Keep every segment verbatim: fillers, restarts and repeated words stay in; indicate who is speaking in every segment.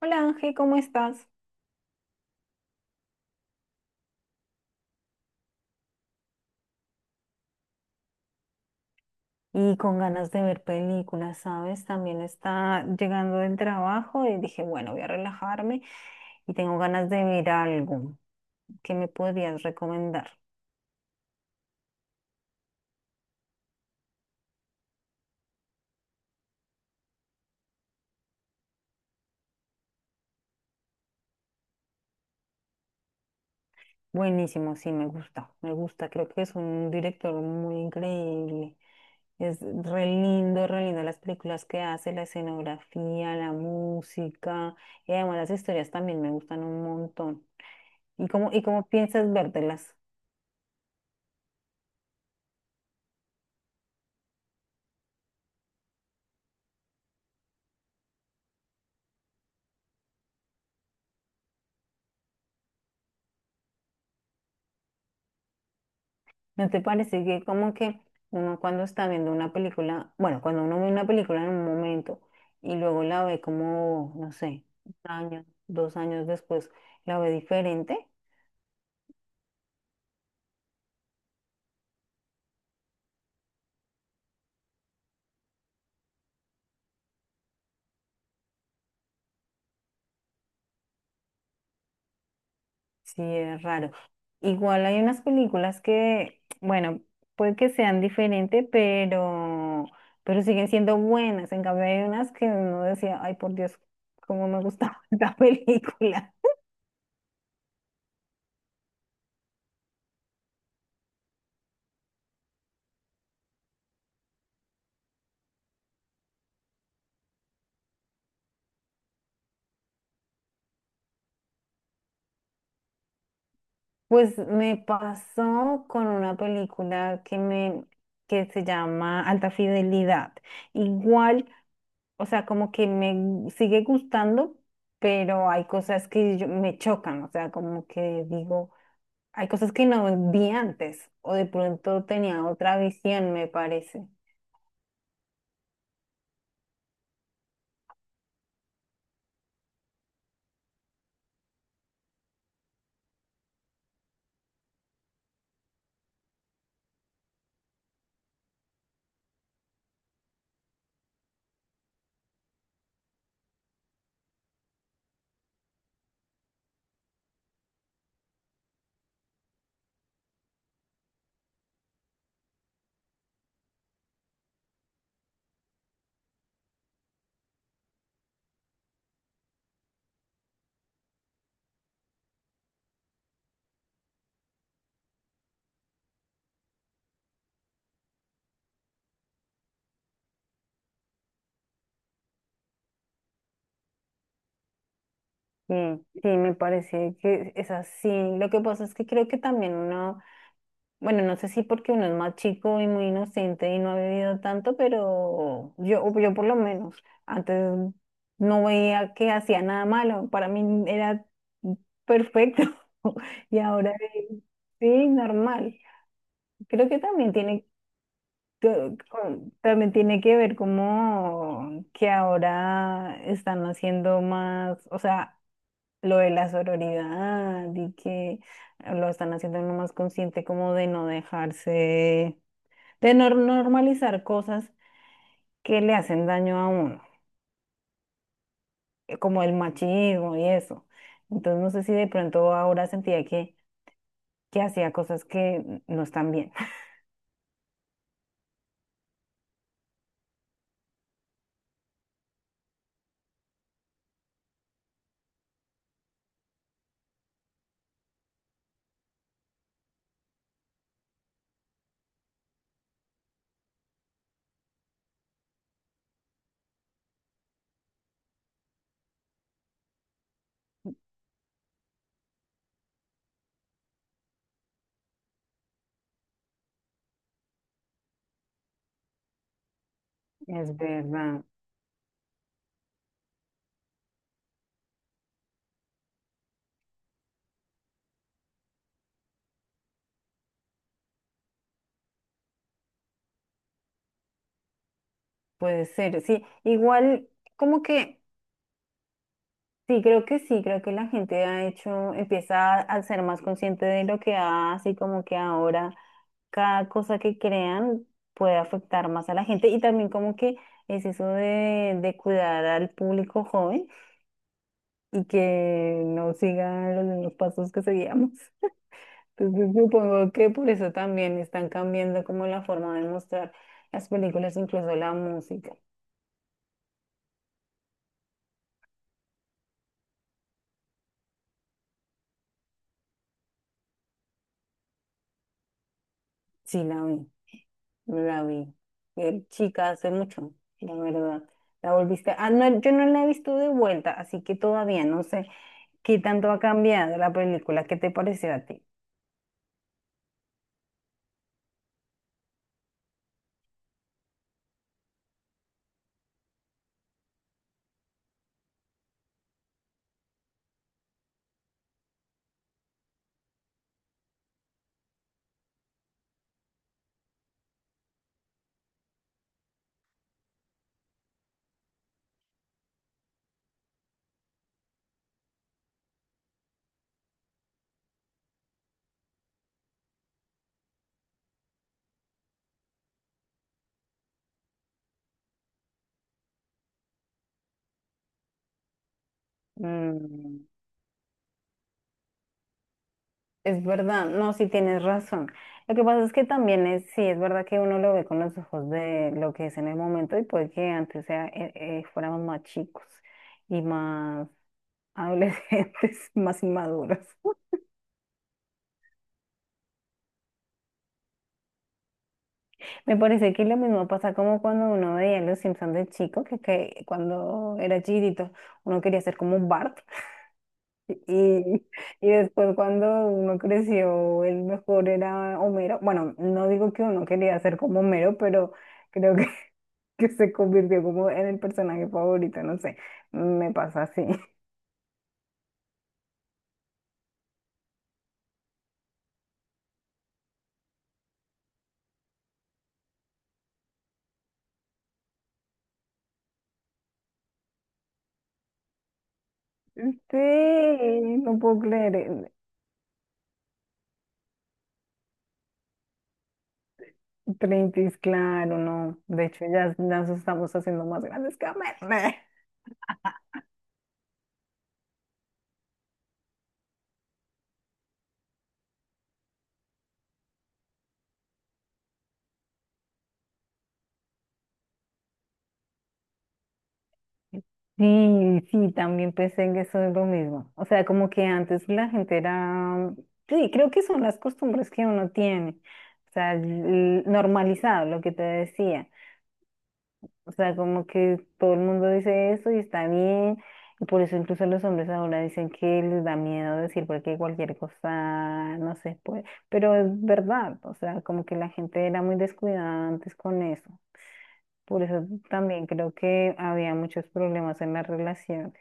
Speaker 1: Hola Ángel, ¿cómo estás? Y con ganas de ver películas, ¿sabes? También está llegando del trabajo y dije, bueno, voy a relajarme y tengo ganas de ver algo. ¿Qué me podrías recomendar? Buenísimo, sí, me gusta, me gusta. Creo que es un director muy increíble. Es re lindo, re lindo las películas que hace, la escenografía, la música y además las historias también me gustan un montón. ¿Y cómo, y cómo piensas vértelas? ¿No te parece que como que uno cuando está viendo una película, bueno, cuando uno ve una película en un momento y luego la ve como, no sé, un año, dos años después, la ve diferente? Sí, es raro. Igual hay unas películas que, bueno, puede que sean diferentes, pero, pero siguen siendo buenas. En cambio, hay unas que uno decía, ay, por Dios, cómo me gustaba esta película. Pues me pasó con una película que me que se llama Alta Fidelidad. Igual, o sea, como que me gu- sigue gustando, pero hay cosas que yo- me chocan, o sea, como que digo, hay cosas que no vi antes o de pronto tenía otra visión, me parece. Sí, sí, me parece que es así. Lo que pasa es que creo que también uno bueno, no sé si porque uno es más chico y muy inocente y no ha vivido tanto, pero yo, o yo por lo menos antes no veía que hacía nada malo. Para mí era perfecto. Y ahora es- sí, normal. Creo que también tiene que, con- también tiene que ver como que ahora están haciendo más, o sea, lo de la sororidad y que lo están haciendo uno más consciente como de no dejarse de nor- normalizar cosas que le hacen daño a uno, eh, como el machismo y eso. Entonces, no sé si de pronto ahora sentía que, que hacía cosas que n- no están bien. Es verdad, puede ser, sí. Igual, como que, sí, creo que sí, creo que la gente ha hecho, empieza a, a ser más consciente de lo que hace y como que ahora cada cosa que crean puede afectar más a la gente y también como que es eso de, de cuidar al público joven y que no siga los mismos pasos que seguíamos. Entonces supongo que por eso también están cambiando como la forma de mostrar las películas, incluso la música. Sí, la vi, la vi. Eh, chica, hace mucho, la verdad. La volviste. Ah, no, yo no la he visto de vuelta, así que todavía no sé qué tanto ha cambiado la película. ¿Qué te pareció a ti? Mm. Es verdad, no, sí tienes razón. Lo que pasa es que también es, sí, es verdad que uno lo ve con los ojos de lo que es en el momento y puede que antes sea, eh, eh, fuéramos más chicos y más adolescentes, más inmaduros. Me parece que lo mismo pasa como cuando uno veía Los Simpsons de chico, que, que cuando era chiquitito uno quería ser como Bart. Y, y después cuando uno creció, el mejor era Homero. Bueno, no digo que uno quería ser como Homero, pero creo que, que se convirtió como en el personaje favorito, no sé, me pasa así. Sí, no puedo creer. eh, Treintis, claro, no. De hecho, ya nos estamos haciendo más grandes que Homero. Sí, sí, también pensé que eso es lo mismo. O sea, como que antes la gente era, sí, creo que son las costumbres que uno tiene. O sea, l- normalizado, lo que te decía. O sea, como que todo el mundo dice eso y está bien. Y por eso incluso los hombres ahora dicen que les da miedo decir porque cualquier cosa, no sé, pues. Pero es verdad, o sea, como que la gente era muy descuidada antes con eso. Por eso también creo que había muchos problemas en la relación.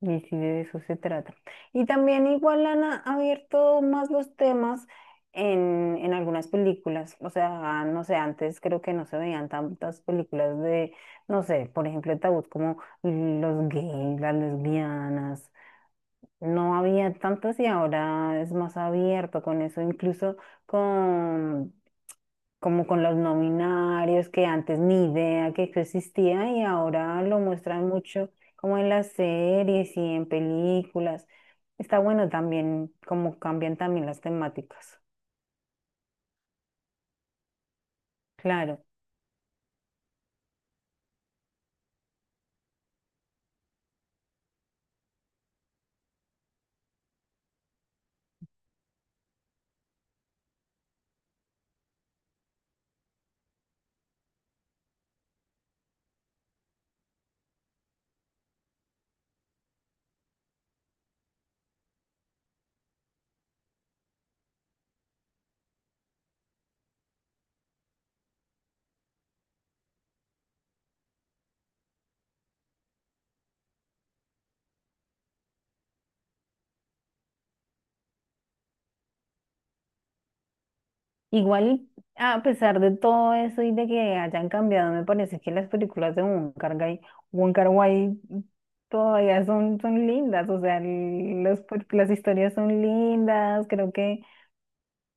Speaker 1: Y sí, de eso se trata. Y también igual han a- abierto más los temas en, en algunas películas. O sea, no sé, antes creo que no se veían tantas películas de, no sé, por ejemplo, el tabú como los gays, las lesbianas, no había tantas y ahora es más abierto con eso, incluso con como con los nominarios que antes ni idea que eso existía y ahora lo muestran mucho como en las series y en películas. Está bueno también como cambian también las temáticas. Claro. Igual, a pesar de todo eso y de que hayan cambiado, me parece que las películas de Wong Kar-wai, Wong Kar-wai todavía son, son lindas, o sea, el- los per- las historias son lindas, creo que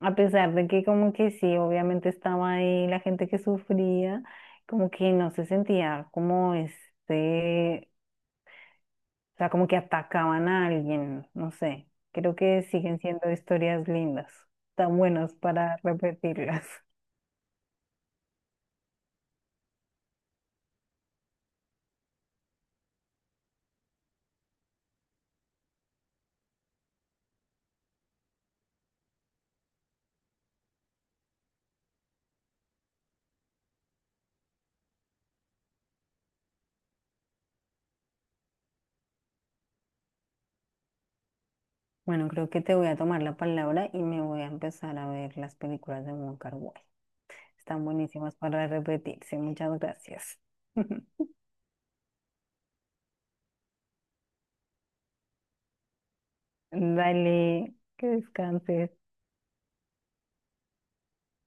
Speaker 1: a pesar de que como que sí, obviamente estaba ahí la gente que sufría, como que no se sentía como este, o sea, como que atacaban a alguien, no sé, creo que siguen siendo historias lindas, tan buenas para repetirlas. Bueno, creo que te voy a tomar la palabra y me voy a empezar a ver las películas de Wong Kar-wai. Están buenísimas para repetirse. Muchas gracias. Dale, que descanses.